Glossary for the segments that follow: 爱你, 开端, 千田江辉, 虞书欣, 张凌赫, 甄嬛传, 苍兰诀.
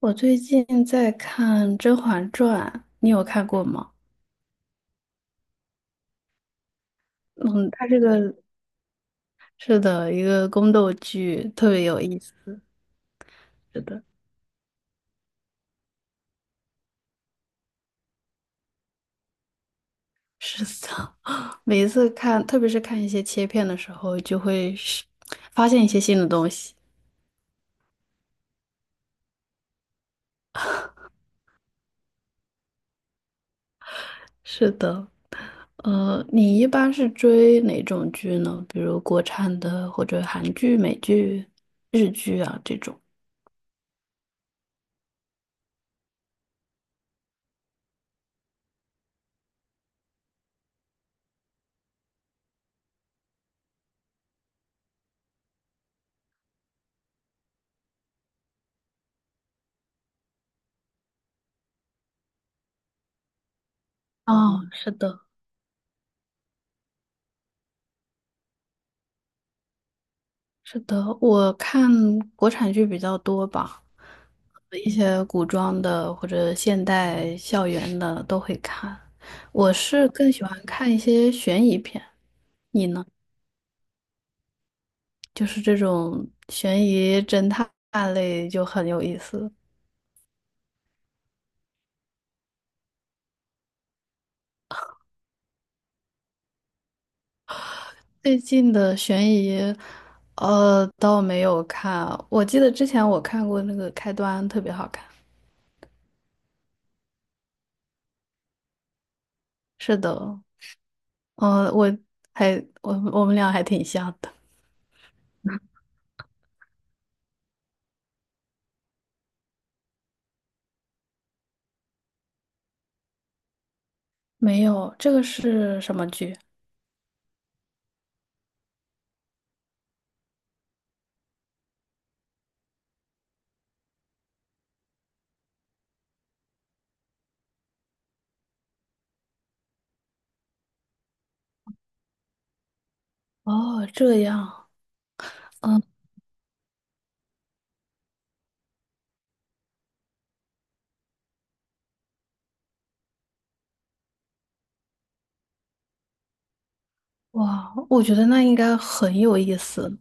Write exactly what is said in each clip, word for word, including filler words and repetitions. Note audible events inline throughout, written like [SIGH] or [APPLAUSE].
我最近在看《甄嬛传》，你有看过吗？嗯，它这个是的一个宫斗剧，特别有意思。是的，是的，[LAUGHS] 每一次看，特别是看一些切片的时候，就会是发现一些新的东西。是的，呃，你一般是追哪种剧呢？比如国产的，或者韩剧、美剧、日剧啊这种。哦，是的。是的，我看国产剧比较多吧，一些古装的或者现代校园的都会看。我是更喜欢看一些悬疑片，你呢？就是这种悬疑侦探类就很有意思。最近的悬疑，呃，倒没有看。我记得之前我看过那个开端，特别好看。是的，呃，我还我我们俩还挺像的。没有，这个是什么剧？哦，这样，嗯，哇，我觉得那应该很有意思。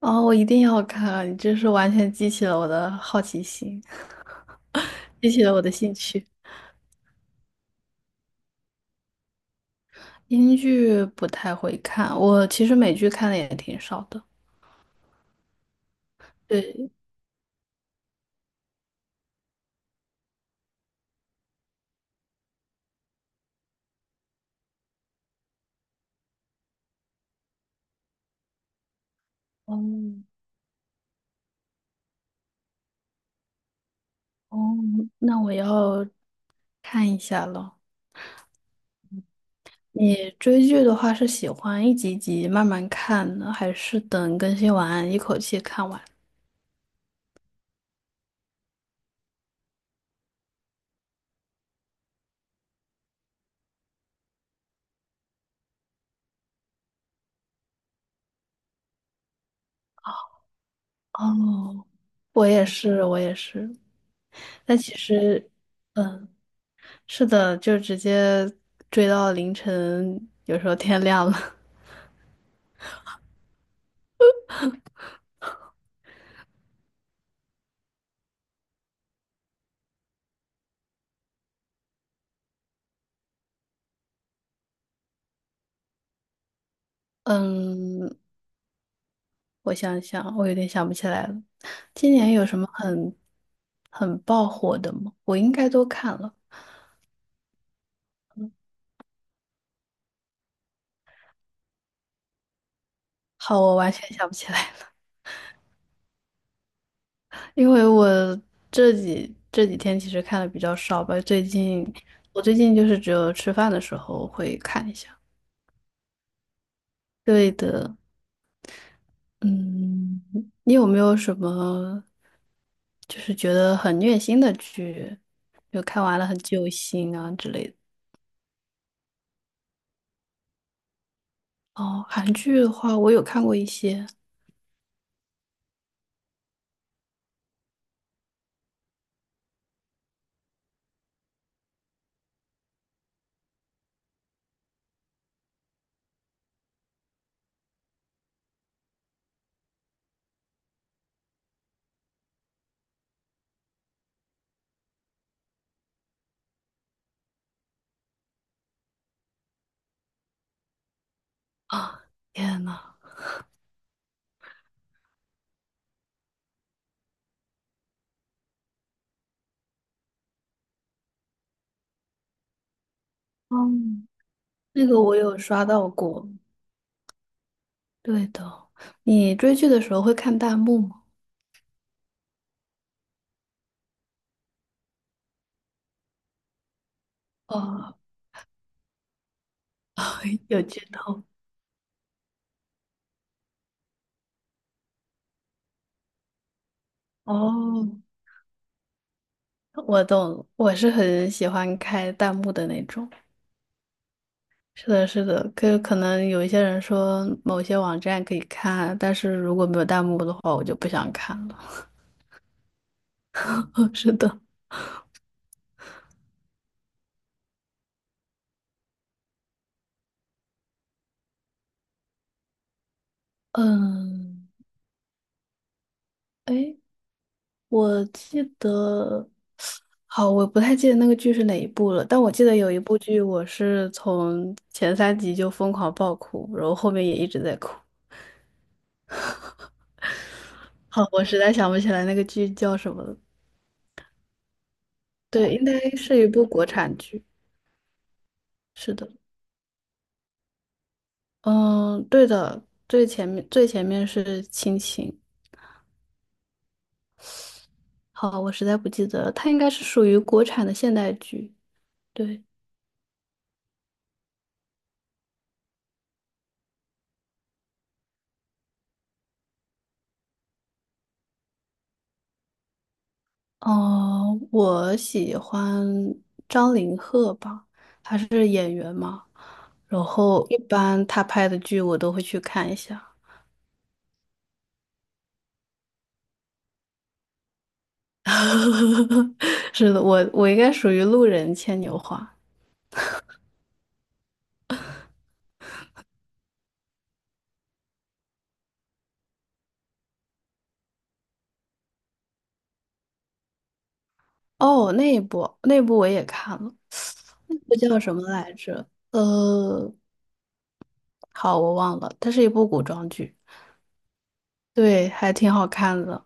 哦，我一定要看，这是完全激起了我的好奇心，激起了我的兴趣。英剧不太会看，我其实美剧看的也挺少的。对，嗯，哦，那我要看一下了。你追剧的话，是喜欢一集一集慢慢看呢，还是等更新完一口气看完？哦，我也是，我也是。但其实，嗯，是的，就直接追到凌晨，有时候天亮了。[LAUGHS] 嗯，我想想，我有点想不起来了。今年有什么很很爆火的吗？我应该都看了。好，我完全想不起来了，因为我这几这几天其实看的比较少吧。最近我最近就是只有吃饭的时候会看一下。对的，嗯，你有没有什么就是觉得很虐心的剧，就看完了很揪心啊之类的？哦，韩剧的话，我有看过一些啊，天呐，嗯，那个我有刷到过。对的，你追剧的时候会看弹幕吗？哦，[LAUGHS] 有剧透。哦，我懂，我是很喜欢开弹幕的那种。是的，是的，可可能有一些人说某些网站可以看，但是如果没有弹幕的话，我就不想看了。[LAUGHS] 是的，嗯，哎，我记得，好，我不太记得那个剧是哪一部了，但我记得有一部剧，我是从前三集就疯狂爆哭，然后后面也一直在哭。好，我实在想不起来那个剧叫什么了。对，应该是一部国产剧。是的，嗯，对的，最前面最前面是亲情。好，我实在不记得了，它应该是属于国产的现代剧。对，哦、我喜欢张凌赫吧，他是演员嘛，然后一般他拍的剧我都会去看一下。[LAUGHS] 是的，我我应该属于路人牵牛花。哦，那一部那一部我也看了，那部叫什么来着？呃，好，我忘了，它是一部古装剧，对，还挺好看的。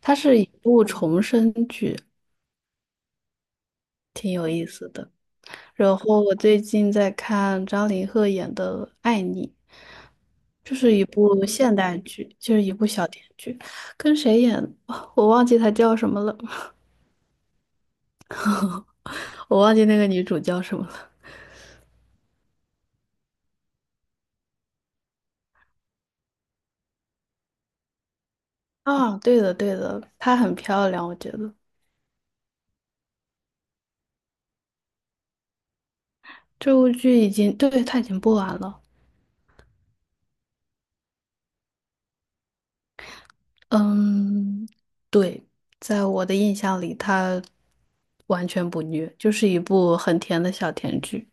它是一部重生剧，然后我最近在看张凌赫演的《爱你》，就是一部现代剧，就是一部小甜剧，跟谁演的 [LAUGHS] 我忘记她叫什么了，我忘记那个女主叫什么了。啊，对的对的，她很漂亮，我觉得这部剧已经，对，她已经播完了。嗯，对，在我的印象里，她完全不虐，就是一部很甜的小甜剧。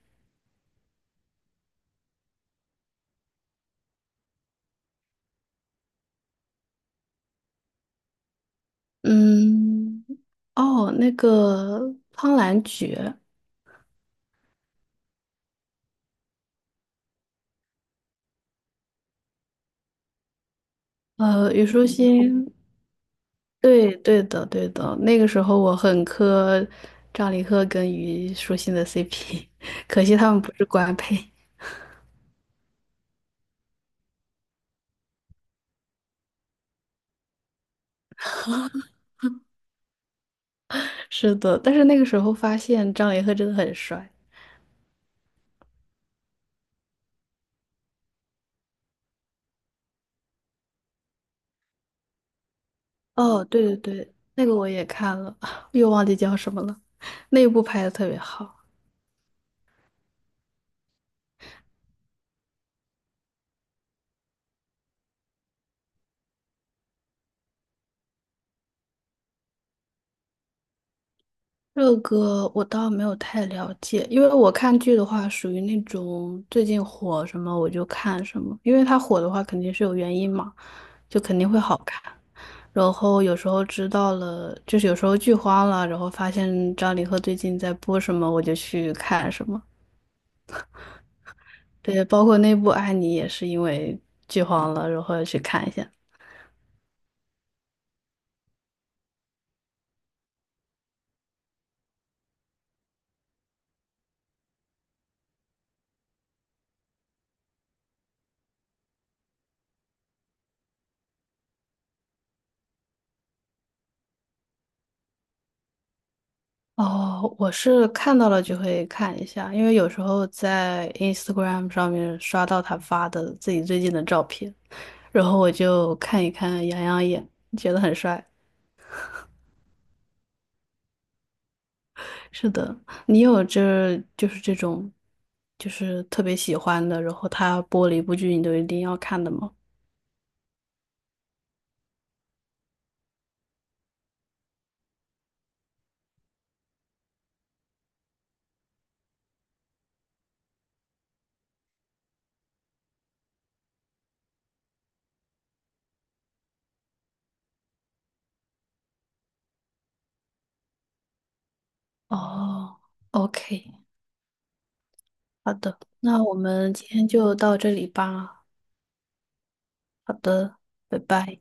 嗯，哦，那个《苍兰诀》。呃，虞书欣，对对的对的，那个时候我很磕张凌赫跟虞书欣的 C P，[LAUGHS] 可惜他们不是官配。[LAUGHS] 是的，但是那个时候发现张凌赫真的很帅。哦，对对对，那个我也看了，[LAUGHS] 又忘记叫什么了，那一部拍的特别好。这个我倒没有太了解，因为我看剧的话，属于那种最近火什么我就看什么，因为它火的话肯定是有原因嘛，就肯定会好看。然后有时候知道了，就是有时候剧荒了，然后发现张凌赫最近在播什么，我就去看什么。对，包括那部《爱你》也是因为剧荒了，然后去看一下。哦，我是看到了就会看一下，因为有时候在 Instagram 上面刷到他发的自己最近的照片，然后我就看一看，养养眼，觉得很帅。是的，你有这就是这种，就是特别喜欢的，然后他播了一部剧，你都一定要看的吗？哦，OK，好的，那我们今天就到这里吧。好的，拜拜。